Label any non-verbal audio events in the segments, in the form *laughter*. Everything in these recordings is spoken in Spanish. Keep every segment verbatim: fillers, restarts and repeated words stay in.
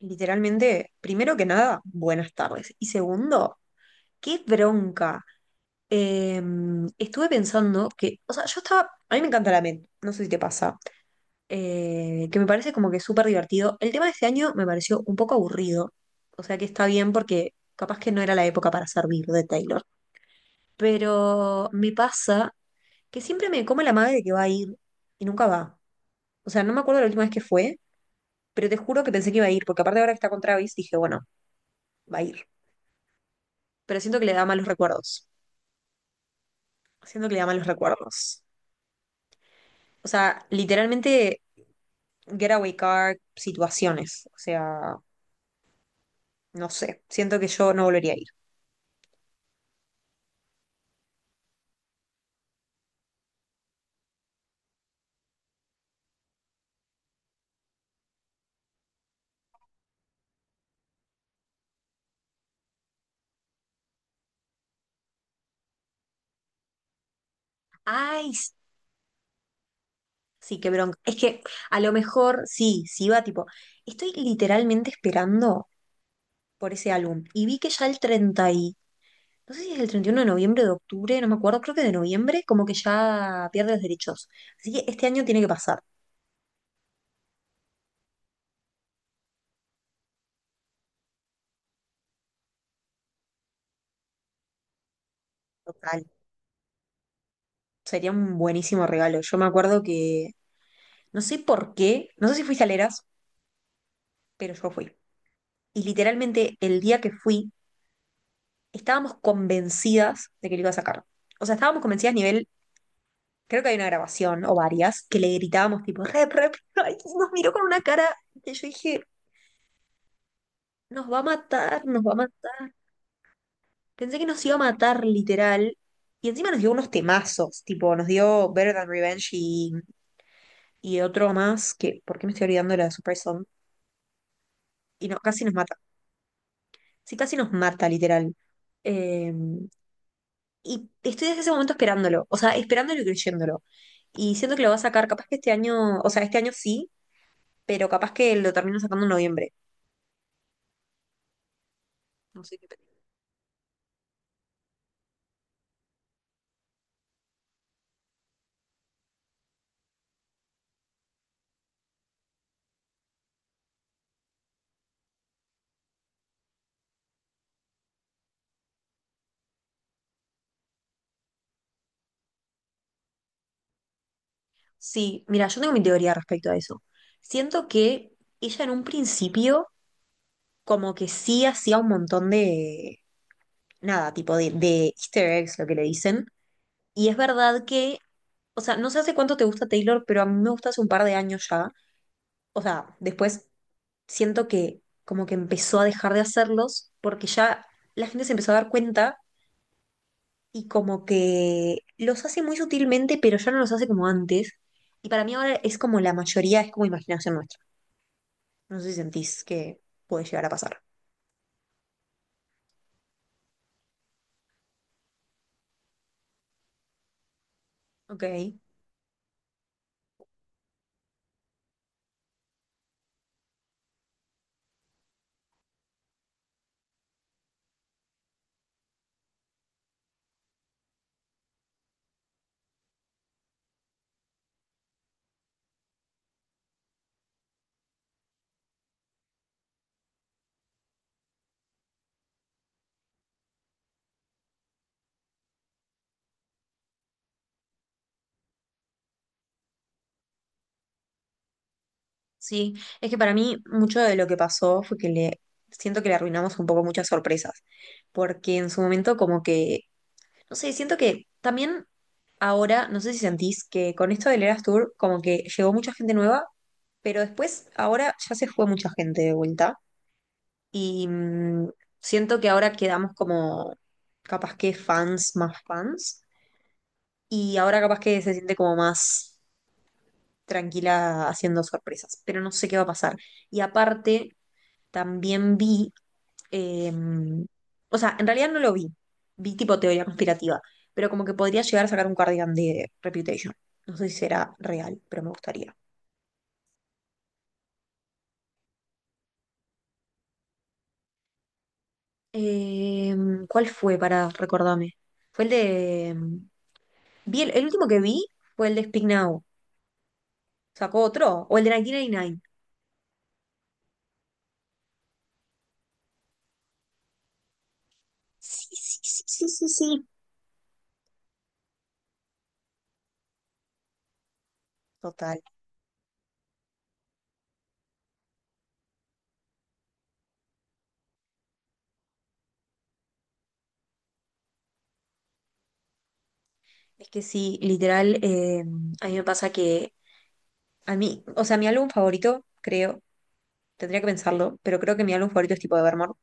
Literalmente, primero que nada, buenas tardes. Y segundo, qué bronca. Eh, estuve pensando que, o sea, yo estaba, a mí me encanta la med, no sé si te pasa. Eh, que me parece como que súper divertido. El tema de este año me pareció un poco aburrido, o sea que está bien porque capaz que no era la época para servir de Taylor, pero me pasa que siempre me come la madre de que va a ir y nunca va. O sea, no me acuerdo la última vez que fue, pero te juro que pensé que iba a ir, porque aparte ahora que está con Travis dije, bueno, va a ir, pero siento que le da malos recuerdos, siento que le da malos recuerdos. O sea, literalmente getaway car situaciones, o sea, no sé, siento que yo no volvería a ir. Ay, sí, qué bronca. Es que a lo mejor, sí, sí va tipo, estoy literalmente esperando por ese álbum y vi que ya el treinta y, no sé si es el treinta y uno de noviembre, de octubre, no me acuerdo, creo que de noviembre, como que ya pierde los derechos. Así que este año tiene que pasar, total. Sería un buenísimo regalo. Yo me acuerdo que, no sé por qué, no sé si fuiste a Leras, pero yo fui. Y literalmente el día que fui, estábamos convencidas de que lo iba a sacar. O sea, estábamos convencidas a nivel creo que hay una grabación o varias, que le gritábamos tipo, rep, rep, *laughs* ay, nos miró con una cara que yo dije, nos va a matar, nos va a matar. Pensé que nos iba a matar literal. Y encima nos dio unos temazos, tipo, nos dio Better Than Revenge y, y otro más, que, ¿por qué me estoy olvidando de la de Surprise Song? Y no, casi nos mata. Sí, casi nos mata, literal. Eh, y estoy desde ese momento esperándolo, o sea, esperándolo y creyéndolo. Y siento que lo va a sacar, capaz que este año, o sea, este año sí, pero capaz que lo termino sacando en noviembre. No sé qué. Sí, mira, yo tengo mi teoría respecto a eso. Siento que ella en un principio como que sí hacía un montón de, nada, tipo de, de easter eggs, lo que le dicen. Y es verdad que, o sea, no sé hace cuánto te gusta Taylor, pero a mí me gusta hace un par de años ya. O sea, después siento que como que empezó a dejar de hacerlos porque ya la gente se empezó a dar cuenta y como que los hace muy sutilmente, pero ya no los hace como antes. Y para mí ahora es como la mayoría es como imaginación nuestra. No sé si sentís que puede llegar a pasar. Ok, sí. Es que para mí mucho de lo que pasó fue que le siento que le arruinamos un poco muchas sorpresas, porque en su momento como que, no sé, siento que también ahora, no sé si sentís que con esto del Eras Tour como que llegó mucha gente nueva, pero después ahora ya se fue mucha gente de vuelta y mm, siento que ahora quedamos como capaz que fans más fans y ahora capaz que se siente como más tranquila haciendo sorpresas, pero no sé qué va a pasar. Y aparte, también vi, eh, o sea, en realidad no lo vi, vi tipo teoría conspirativa, pero como que podría llegar a sacar un cardigan de Reputation. No sé si será real, pero me gustaría. Eh, ¿cuál fue para recordarme? Fue el de... em, vi el, el último que vi fue el de Speak Now. ¿Sacó otro? ¿O el de mil novecientos noventa y nueve? Sí, sí, sí, sí, sí, sí. Total. Es que sí, literal, eh, a mí me pasa que a mí, o sea, mi álbum favorito, creo, tendría que pensarlo, pero creo que mi álbum favorito es tipo de Evermore.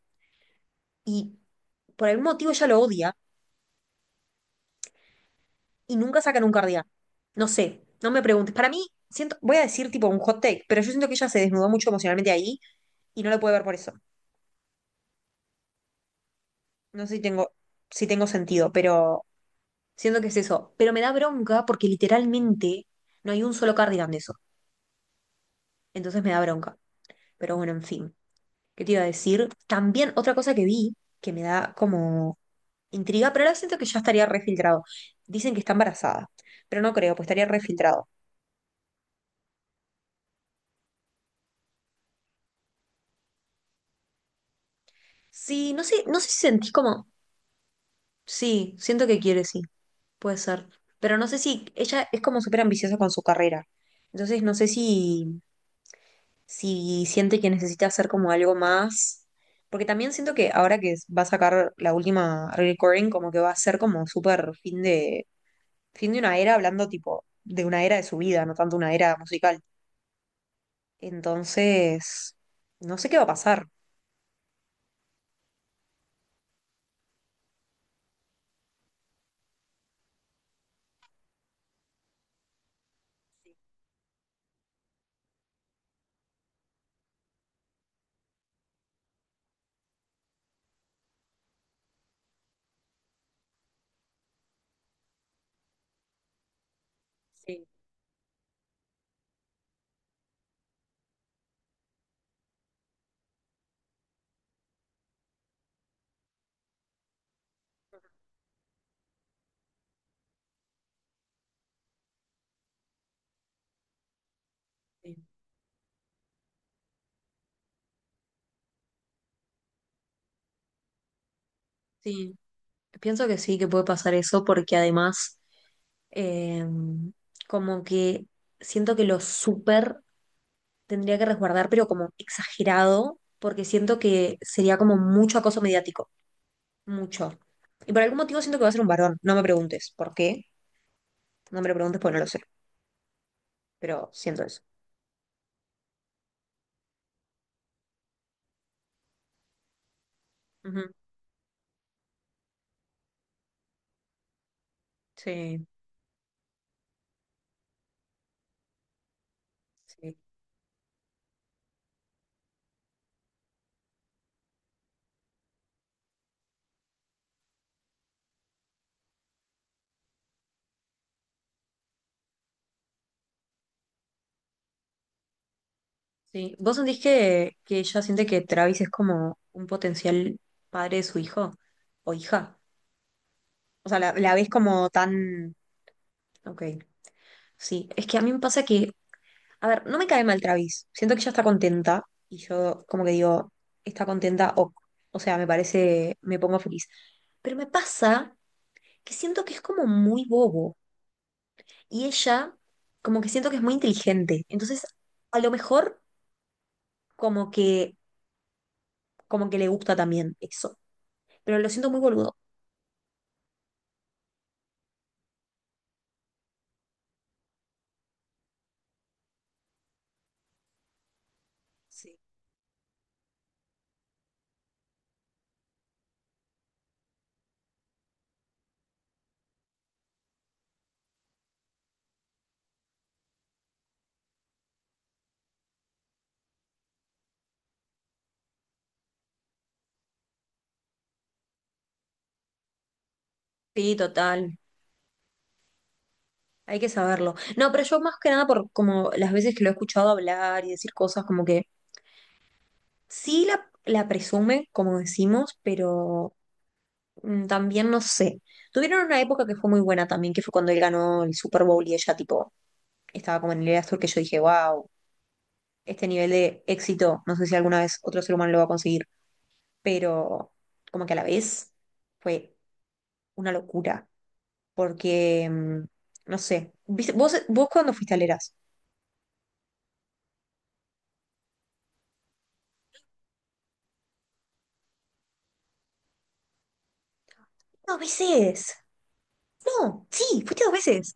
Y por algún motivo ella lo odia y nunca sacan un cardigan. No sé, no me preguntes. Para mí, siento, voy a decir tipo un hot take, pero yo siento que ella se desnudó mucho emocionalmente ahí y no lo puede ver por eso. No sé si tengo, si tengo sentido, pero siento que es eso. Pero me da bronca porque literalmente no hay un solo cardigan de eso. Entonces me da bronca. Pero bueno, en fin. ¿Qué te iba a decir? También otra cosa que vi que me da como intriga, pero ahora siento que ya estaría refiltrado. Dicen que está embarazada, pero no creo, pues estaría refiltrado. Sí, no sé, no sé si sentís como. Sí, siento que quiere, sí, puede ser. Pero no sé si ella es como súper ambiciosa con su carrera. Entonces no sé si, si siente que necesita hacer como algo más. Porque también siento que ahora que va a sacar la última recording, como que va a ser como súper fin de, fin de una era, hablando tipo de una era de su vida, no tanto una era musical. Entonces, no sé qué va a pasar. Sí, sí, sí. Pienso que sí, que puede pasar eso, porque además, eh, como que siento que lo súper tendría que resguardar, pero como exagerado, porque siento que sería como mucho acoso mediático, mucho. Y por algún motivo siento que va a ser un varón, no me preguntes por qué, no me lo preguntes porque no lo sé, pero siento eso. Ujú, sí, sí. Sí. ¿Vos sentís que, que ella siente que Travis es como un potencial padre de su hijo o hija? O sea, la, la ves como tan... Ok, sí. Es que a mí me pasa que... A ver, no me cae mal Travis. Siento que ella está contenta y yo como que digo, está contenta o... O sea, me parece, me pongo feliz. Pero me pasa que siento que es como muy bobo y ella como que siento que es muy inteligente. Entonces, a lo mejor como que, como que le gusta también eso. Pero lo siento muy boludo. Sí. Sí, total. Hay que saberlo. No, pero yo más que nada por como las veces que lo he escuchado hablar y decir cosas como que sí la, la presume, como decimos, pero mm, también no sé. Tuvieron una época que fue muy buena también, que fue cuando él ganó el Super Bowl y ella tipo estaba como en el Astor que yo dije, wow, este nivel de éxito, no sé si alguna vez otro ser humano lo va a conseguir, pero como que a la vez fue una locura. Porque, mm, no sé, ¿viste- ¿vos, vos, cuándo fuiste a Leras? Dos veces. No, sí, fuiste dos veces.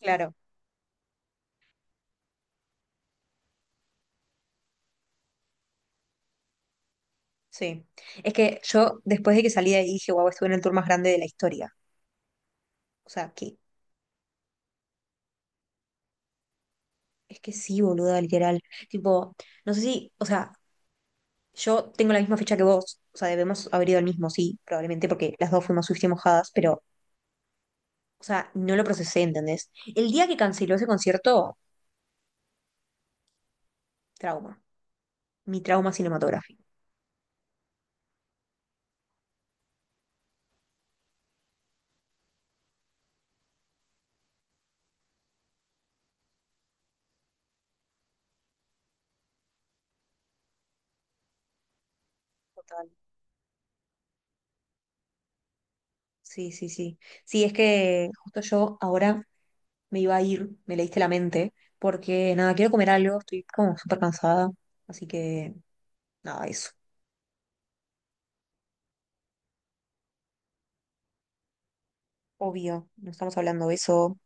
Claro, sí. Es que yo después de que salí de ahí dije, wow, estuve en el tour más grande de la historia. O sea, que es que sí, boluda, literal. Tipo, no sé si, o sea, yo tengo la misma fecha que vos. O sea, debemos haber ido al mismo, sí, probablemente porque las dos fuimos swift y mojadas, pero, o sea, no lo procesé, ¿entendés? El día que canceló ese concierto, trauma. Mi trauma cinematográfico. Sí, sí, sí. Sí, es que justo yo ahora me iba a ir, me leíste la mente, porque nada, quiero comer algo, estoy como súper cansada, así que nada, eso. Obvio, no estamos hablando de eso